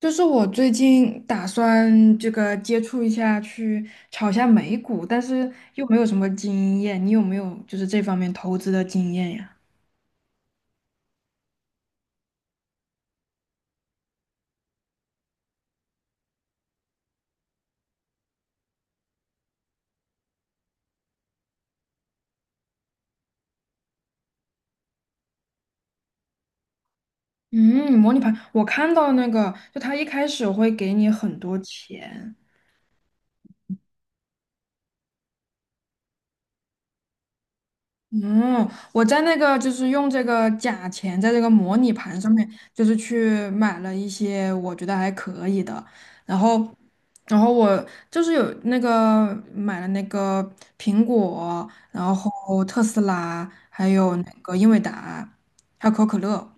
就是我最近打算这个接触一下，去炒一下美股，但是又没有什么经验。你有没有就是这方面投资的经验呀？嗯，模拟盘，我看到那个，就他一开始会给你很多钱。嗯，我在那个就是用这个假钱在这个模拟盘上面，就是去买了一些我觉得还可以的，然后，然后我就是有那个买了那个苹果，然后特斯拉，还有那个英伟达，还有可口可乐。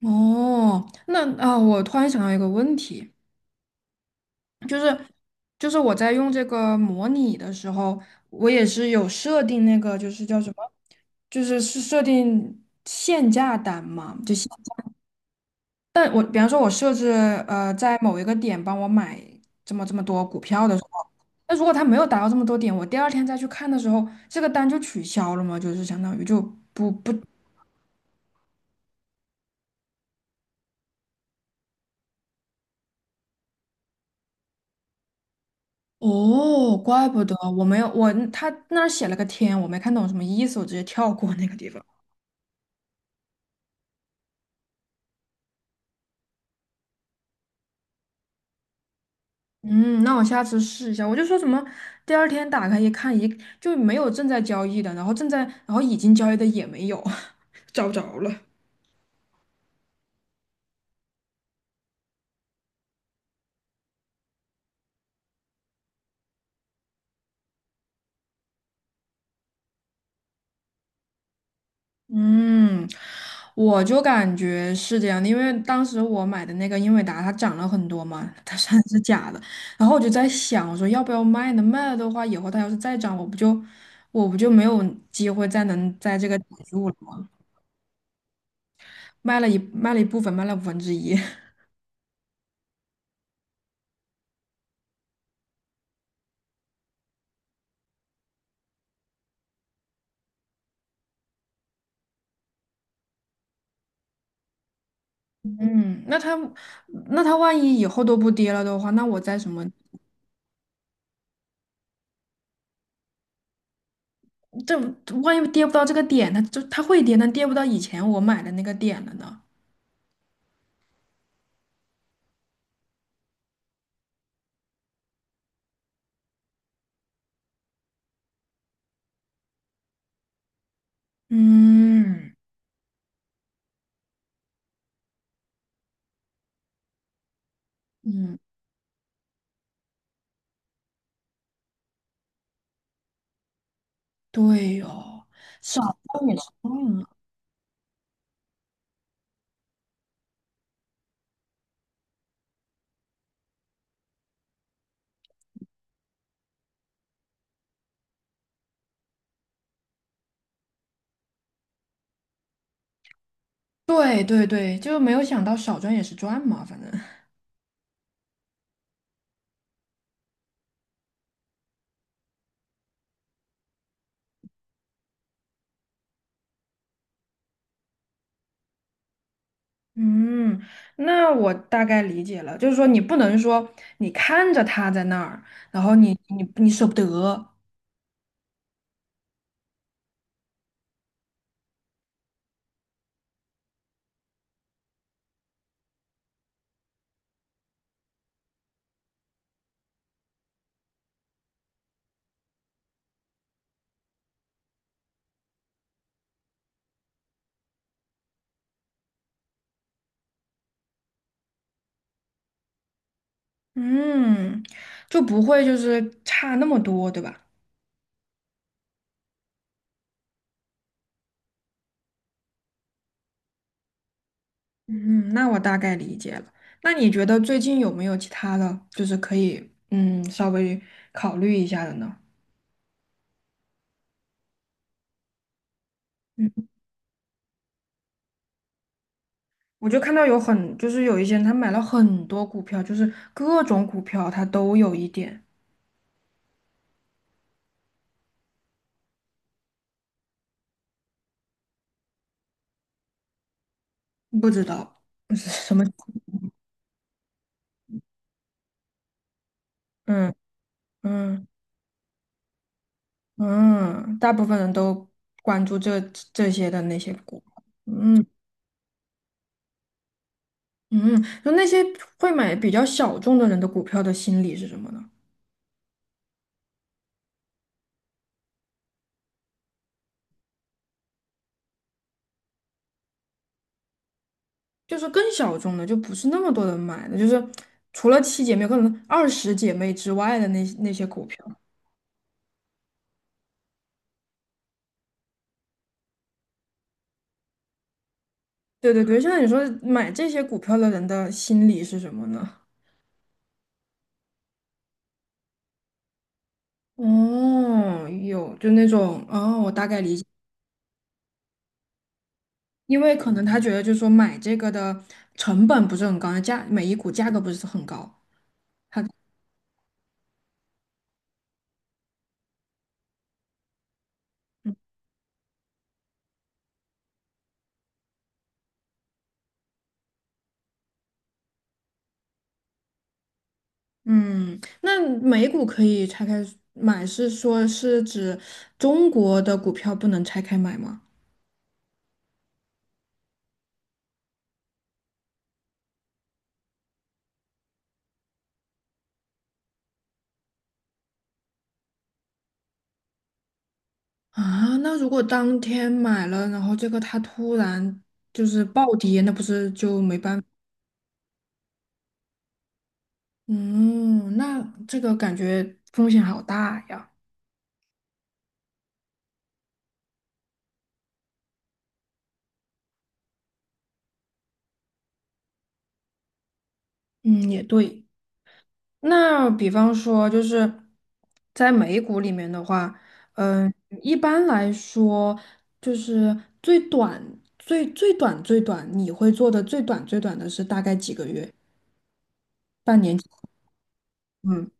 哦，那啊，我突然想到一个问题，就是就是我在用这个模拟的时候，我也是有设定那个就是叫什么，就是设定限价单嘛，但我比方说我设置在某一个点帮我买这么多股票的时候，那如果它没有达到这么多点，我第二天再去看的时候，这个单就取消了嘛，就是相当于就不不。哦，怪不得我没有我他那儿写了个天，我没看懂什么意思，我直接跳过那个地方。嗯，那我下次试一下。我就说什么，第二天打开一看，就没有正在交易的，然后正在，然后已经交易的也没有，找不着了。嗯，我就感觉是这样的，因为当时我买的那个英伟达它涨了很多嘛，它虽然是假的，然后我就在想，我说要不要卖呢？卖了的话，以后它要是再涨，我不就没有机会再能在这个顶住了吗？卖了一部分，卖了1/5。嗯，那他万一以后都不跌了的话，那我在什么？这万一跌不到这个点，它会跌，但跌不到以前我买的那个点了呢？嗯嗯，对哦，少赚也是赚啊。对对对，就没有想到少赚也是赚嘛，反正。嗯，那我大概理解了，就是说你不能说你看着它在那儿，然后你舍不得，嗯，就不会就是差那么多，对吧？嗯，那我大概理解了。那你觉得最近有没有其他的，就是可以稍微考虑一下的呢？我就看到就是有一些人他买了很多股票，就是各种股票他都有一点，不知道是什么 嗯嗯嗯，大部分人都关注这些的那些股。嗯嗯，就那些会买比较小众的人的股票的心理是什么呢？就是更小众的，就不是那么多人买的，就是除了七姐妹，可能二十姐妹之外的那些股票。对对对，现在你说买这些股票的人的心理是什么呢？哦，有，就那种，哦，我大概理解，因为可能他觉得就是说买这个的成本不是很高，每一股价格不是很高。嗯，那每股可以拆开买，是说是指中国的股票不能拆开买吗？啊，那如果当天买了，然后这个它突然就是暴跌，那不是就没办法？嗯，那这个感觉风险好大呀。嗯，也对。那比方说，就是在美股里面的话，嗯，一般来说，就是最短，你会做的最短的是大概几个月？半年？嗯。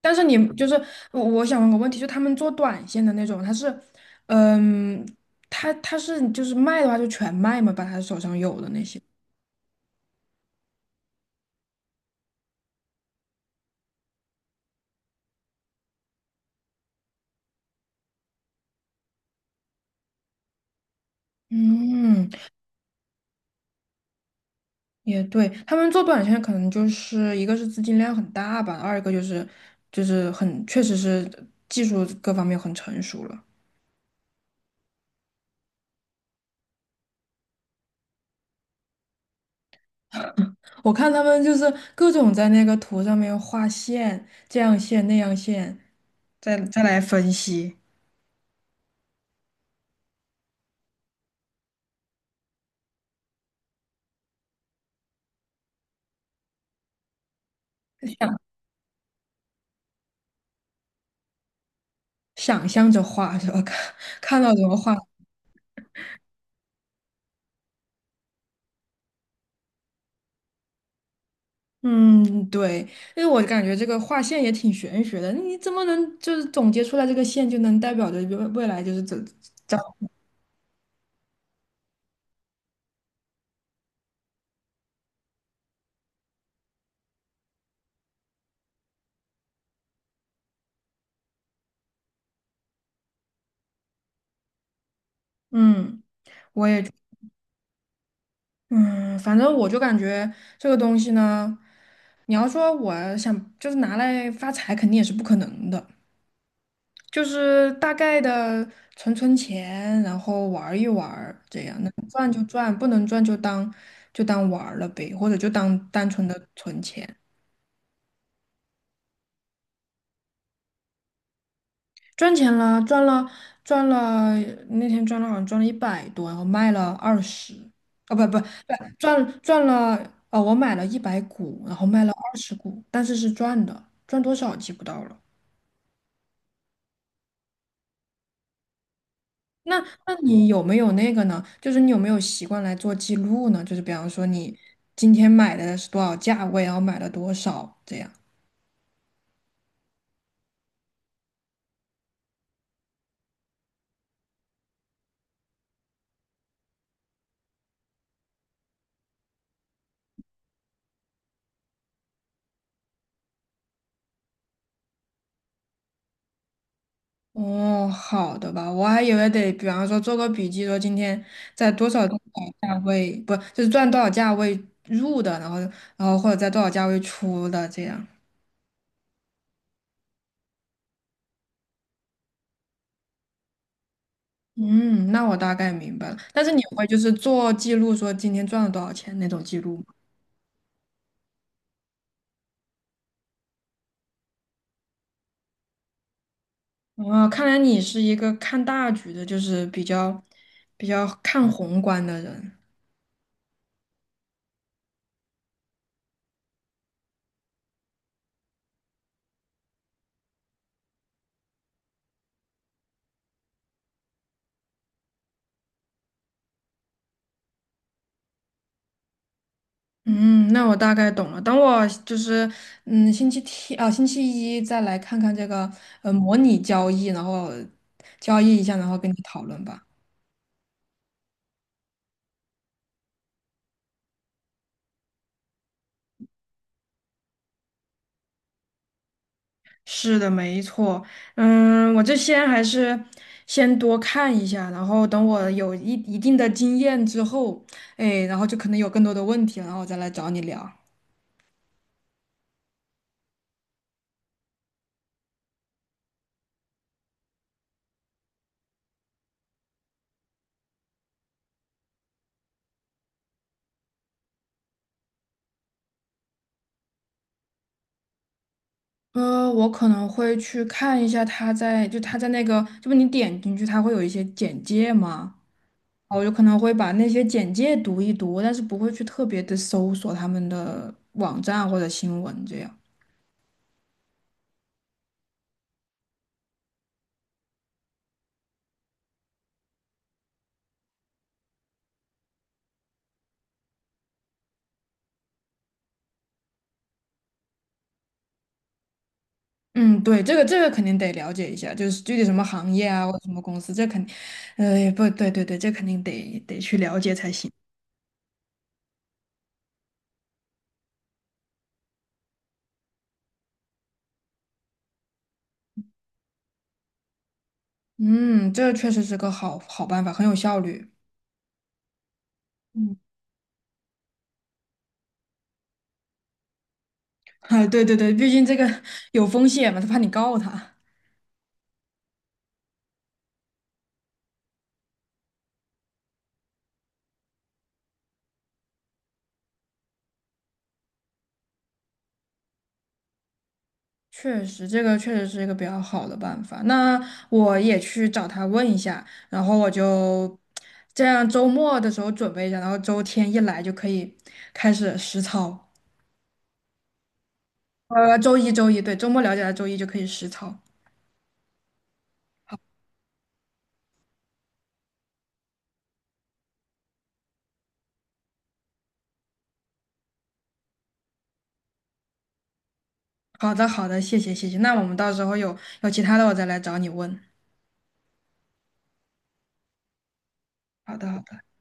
但是你就是我，想问个问题，就他们做短线的那种，嗯，他是就是卖的话就全卖嘛，把他手上有的那些。嗯，也对，他们做短线可能就是一个是资金量很大吧，二一个就是很确实是技术各方面很成熟了。我看他们就是各种在那个图上面画线，这样线那样线，再来分析，想想象着画 是吧？看到什么画。嗯，对，因为我感觉这个画线也挺玄学的，你怎么能就是总结出来这个线就能代表着未来就是怎？嗯，我也觉嗯，反正我就感觉这个东西呢，你要说我想就是拿来发财，肯定也是不可能的，就是大概的存钱，然后玩儿一玩儿这样能赚就赚，不能赚就当玩儿了呗，或者就当单纯的存钱。赚钱了，赚了赚了，那天赚了好像赚了100多，然后卖了二十，哦，不不，赚了，哦我买了100股，然后卖了20股，但是是赚的，赚多少记不到了。那那你有没有那个呢？就是你有没有习惯来做记录呢？就是比方说你今天买的是多少价位，然后买了多少这样。哦，好的吧，我还以为得，比方说做个笔记，说今天在多少多少价位，不，就是赚多少价位入的，然后或者在多少价位出的这样。嗯，那我大概明白了。但是你会就是做记录，说今天赚了多少钱那种记录吗？哦，看来你是一个看大局的，就是比较看宏观的人。嗯，那我大概懂了。等我就是星期天啊，星期一再来看看这个模拟交易，然后交易一下，然后跟你讨论吧。是的，没错。嗯，我这先还是先多看一下，然后等我有一定的经验之后，哎，然后就可能有更多的问题了然后我再来找你聊。我可能会去看一下他在，就他在那个，就不你点进去，他会有一些简介吗？哦我就可能会把那些简介读一读，但是不会去特别的搜索他们的网站或者新闻这样。嗯，对，这个肯定得了解一下，就是具体什么行业啊，或者什么公司，这肯定，不对，对对，这肯定得去了解才行。嗯，这确实是个好办法，很有效率。嗯，啊，对对对，毕竟这个有风险嘛，他怕你告他。确实，这个确实是一个比较好的办法。那我也去找他问一下，然后我就这样周末的时候准备一下，然后周天一来就可以开始实操。周一，对，周末了解了，周一就可以实操。好的，好的，谢谢，谢谢。那我们到时候有其他的，我再来找你问。好的，好的。